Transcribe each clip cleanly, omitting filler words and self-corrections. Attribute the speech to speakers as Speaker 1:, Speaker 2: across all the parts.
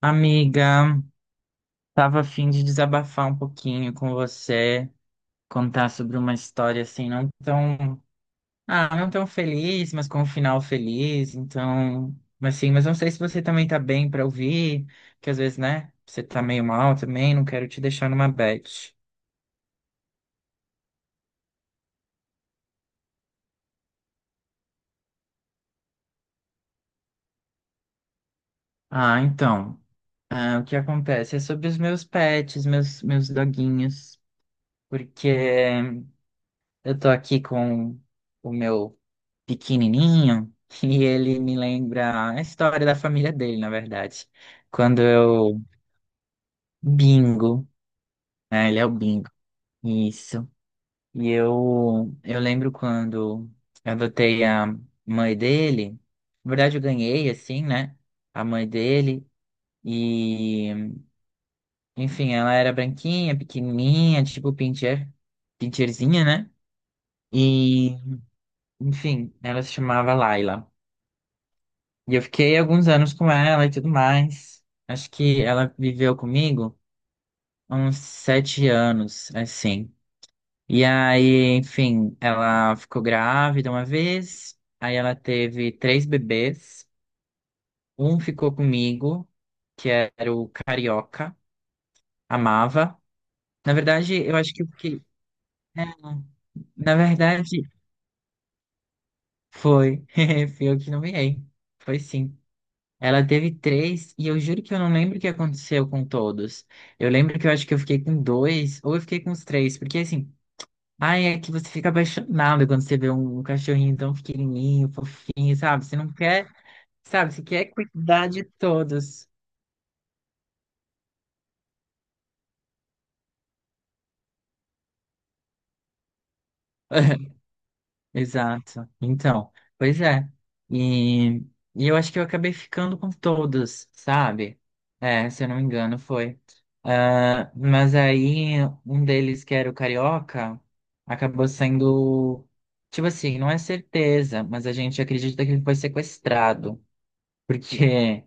Speaker 1: Amiga, tava a fim de desabafar um pouquinho com você, contar sobre uma história assim, não tão feliz, mas com um final feliz, então, mas assim, mas não sei se você também tá bem pra ouvir, que às vezes, né, você tá meio mal também, não quero te deixar numa bad. Ah, então, o que acontece é sobre os meus pets, meus doguinhos, porque eu tô aqui com o meu pequenininho e ele me lembra a história da família dele, na verdade. Quando eu Bingo, né? Ele é o Bingo. Isso. E eu lembro quando eu adotei a mãe dele. Na verdade, eu ganhei assim, né? A mãe dele e enfim, ela era branquinha, pequenininha, tipo pincher, pincherzinha, né? E enfim, ela se chamava Laila. E eu fiquei alguns anos com ela e tudo mais. Acho que ela viveu comigo uns 7 anos, assim. E aí, enfim, ela ficou grávida uma vez. Aí ela teve três bebês. Um ficou comigo, que era o Carioca. Amava. Na verdade, eu acho que o que, é, na verdade, foi. Fui eu que nomeei. Foi sim. Ela teve três, e eu juro que eu não lembro o que aconteceu com todos. Eu lembro que eu acho que eu fiquei com dois, ou eu fiquei com os três, porque assim, ai, é que você fica apaixonado quando você vê um cachorrinho tão pequenininho, fofinho, sabe? Você não quer, sabe? Você quer cuidar de todos. Exato. Então, pois é. E, e eu acho que eu acabei ficando com todos, sabe? É, se eu não me engano, foi. Ah, mas aí, um deles, que era o Carioca, acabou sendo. Tipo assim, não é certeza, mas a gente acredita que ele foi sequestrado. Porque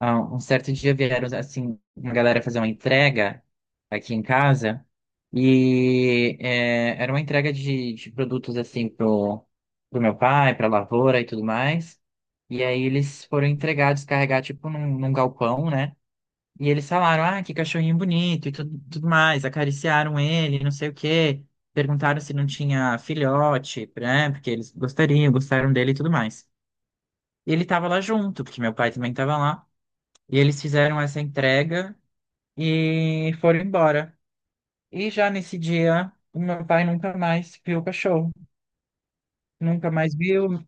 Speaker 1: um certo dia vieram, assim, uma galera fazer uma entrega aqui em casa. E era uma entrega de produtos, assim, pro meu pai, pra lavoura e tudo mais. E aí eles foram entregar, descarregar, tipo, num galpão, né? E eles falaram, ah, que cachorrinho bonito e tudo mais. Acariciaram ele, não sei o quê. Perguntaram se não tinha filhote, né? Porque eles gostariam, gostaram dele e tudo mais. E ele tava lá junto, porque meu pai também tava lá. E eles fizeram essa entrega e foram embora. E já nesse dia, o meu pai nunca mais viu o cachorro. Nunca mais viu.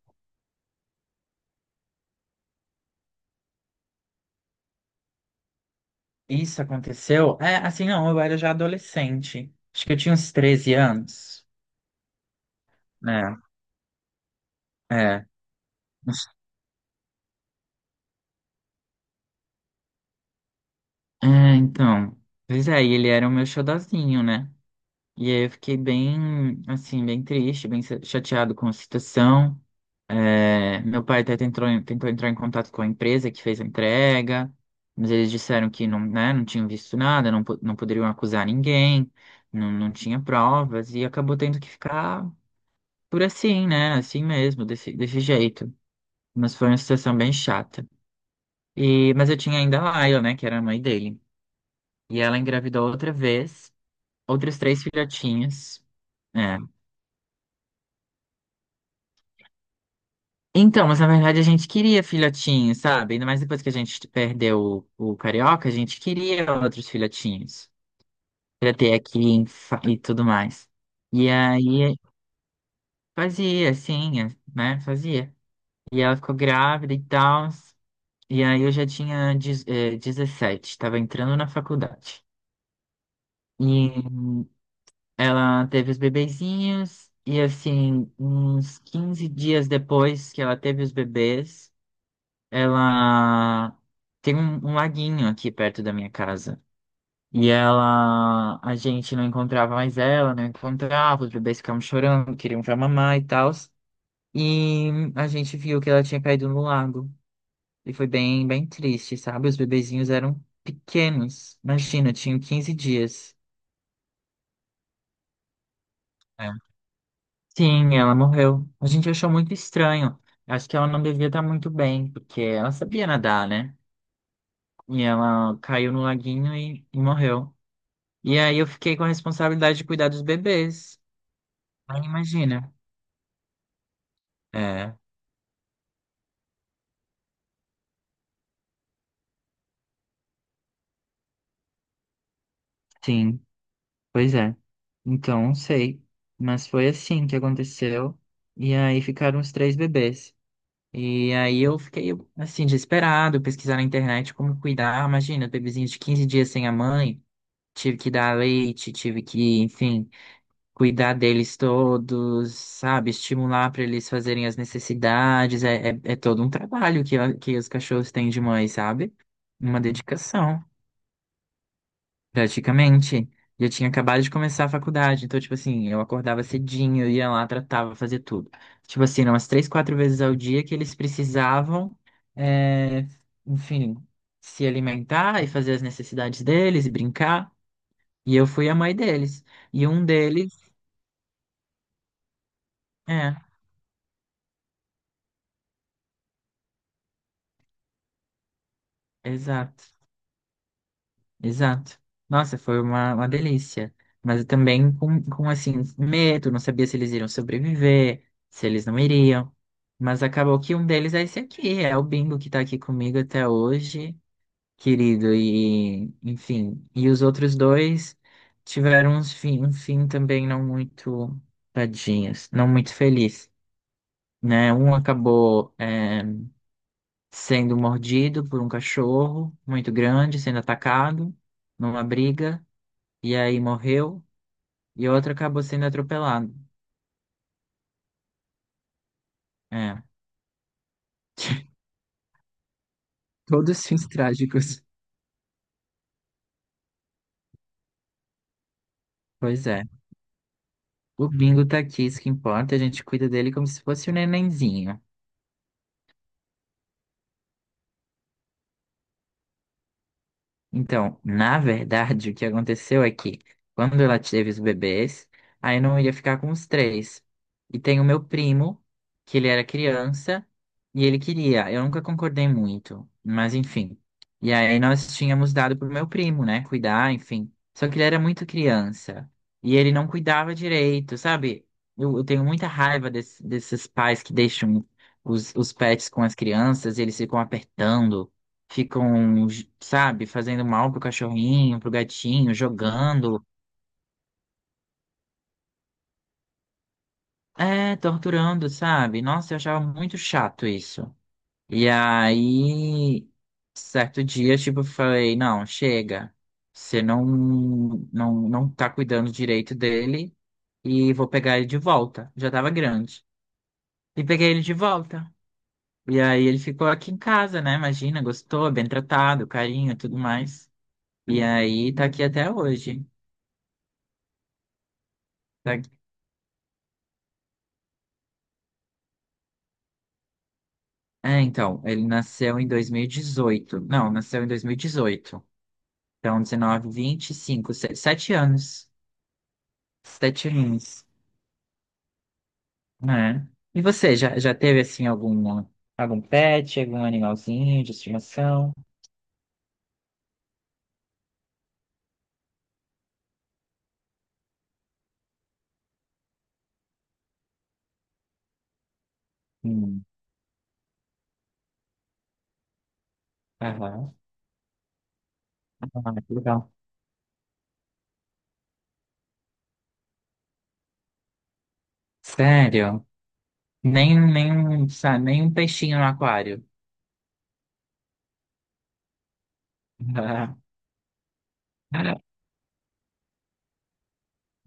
Speaker 1: Isso aconteceu. É, assim, não, eu era já adolescente. Acho que eu tinha uns 13 anos. Né? É. É, então. Pois é, e ele era o meu xodozinho, né? E aí eu fiquei bem, assim, bem triste, bem chateado com a situação. É, meu pai até tentou entrar em contato com a empresa que fez a entrega, mas eles disseram que não, né, não tinham visto nada, não, não poderiam acusar ninguém, não, não tinha provas, e acabou tendo que ficar por assim, né? Assim mesmo, desse jeito. Mas foi uma situação bem chata. Mas eu tinha ainda a Laila, né, que era a mãe dele. E ela engravidou outra vez, outros três filhotinhos. É, então, mas na verdade a gente queria filhotinhos, sabe? Ainda mais depois que a gente perdeu o Carioca, a gente queria outros filhotinhos pra ter aqui e tudo mais. E aí fazia, assim, né? Fazia. E ela ficou grávida e tal. E aí eu já tinha 17, tava entrando na faculdade. E ela teve os bebezinhos, e assim, uns 15 dias depois que ela teve os bebês. Ela tem um laguinho aqui perto da minha casa. E ela, a gente não encontrava mais ela, não encontrava, os bebês ficavam chorando, queriam já mamar e tal. E a gente viu que ela tinha caído no lago. E foi bem, bem triste, sabe? Os bebezinhos eram pequenos. Imagina, tinham 15 dias. É. Sim, ela morreu. A gente achou muito estranho. Acho que ela não devia estar muito bem, porque ela sabia nadar, né? E ela caiu no laguinho e morreu. E aí eu fiquei com a responsabilidade de cuidar dos bebês. Aí imagina. É, sim, pois é. Então, não sei. Mas foi assim que aconteceu. E aí ficaram os três bebês. E aí eu fiquei, assim, desesperado, pesquisar na internet como cuidar. Imagina, bebezinho de 15 dias sem a mãe, tive que dar leite, tive que, enfim, cuidar deles todos, sabe? Estimular para eles fazerem as necessidades. É todo um trabalho que os cachorros têm de mãe, sabe? Uma dedicação, praticamente. E eu tinha acabado de começar a faculdade, então, tipo assim, eu acordava cedinho, eu ia lá, tratava, fazia tudo. Tipo assim, eram umas três, quatro vezes ao dia que eles precisavam, é, enfim, se alimentar e fazer as necessidades deles e brincar. E eu fui a mãe deles. E um deles, é, exato. Exato. Nossa, foi uma delícia. Mas eu também com, assim, medo, não sabia se eles iriam sobreviver, se eles não iriam. Mas acabou que um deles é esse aqui, é o Bingo que tá aqui comigo até hoje, querido. E, enfim, e os outros dois tiveram um fim também não muito, tadinhos, não muito feliz, né? Um acabou, sendo mordido por um cachorro muito grande, sendo atacado numa briga e aí morreu, e outro acabou sendo atropelado. É, todos fins trágicos. Pois é. O Bingo tá aqui, isso que importa, a gente cuida dele como se fosse um nenenzinho. Então, na verdade, o que aconteceu é que quando ela teve os bebês, aí não ia ficar com os três. E tem o meu primo, que ele era criança, e ele queria. Eu nunca concordei muito, mas enfim. E aí nós tínhamos dado pro meu primo, né, cuidar, enfim. Só que ele era muito criança, e ele não cuidava direito, sabe? Eu tenho muita raiva desses pais que deixam os pets com as crianças, e eles ficam apertando ficam, sabe, fazendo mal pro cachorrinho, pro gatinho, jogando, torturando, sabe? Nossa, eu achava muito chato isso. E aí, certo dia, tipo, eu falei, não, chega. Você não tá cuidando direito dele e vou pegar ele de volta. Já tava grande. E peguei ele de volta. E aí ele ficou aqui em casa, né? Imagina, gostou, bem tratado, carinho, e tudo mais. E aí tá aqui até hoje. Tá. É, então, ele nasceu em 2018. Não, nasceu em 2018. Então, 19, 25, 7 anos. 7 anos, né? E você, já teve, assim, algum pet, algum animalzinho de estimação? Hum, aham. Ah, que legal. Sério? Nem um, sabe, nem um peixinho no aquário.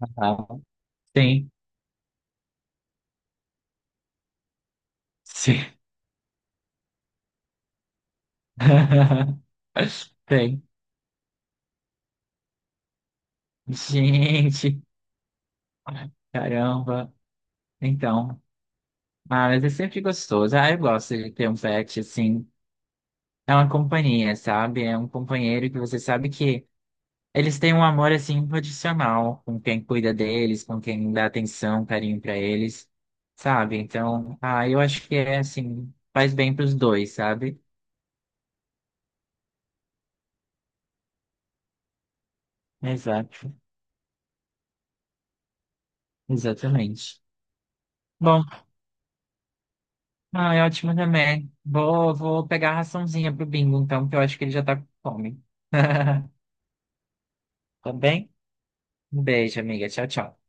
Speaker 1: Ah, sim, sim. Tem. Gente, caramba. Então, mas é sempre gostoso. Ah, eu gosto de ter um pet, assim. É uma companhia, sabe? É um companheiro que você sabe que eles têm um amor, assim, incondicional com quem cuida deles, com quem dá atenção, carinho pra eles, sabe? Então, eu acho que é, assim, faz bem pros dois, sabe? Exato, exatamente. Bom, é ótimo também. Vou pegar a raçãozinha pro Bingo, então, que eu acho que ele já tá com fome. Tá bem? Um beijo, amiga. Tchau, tchau.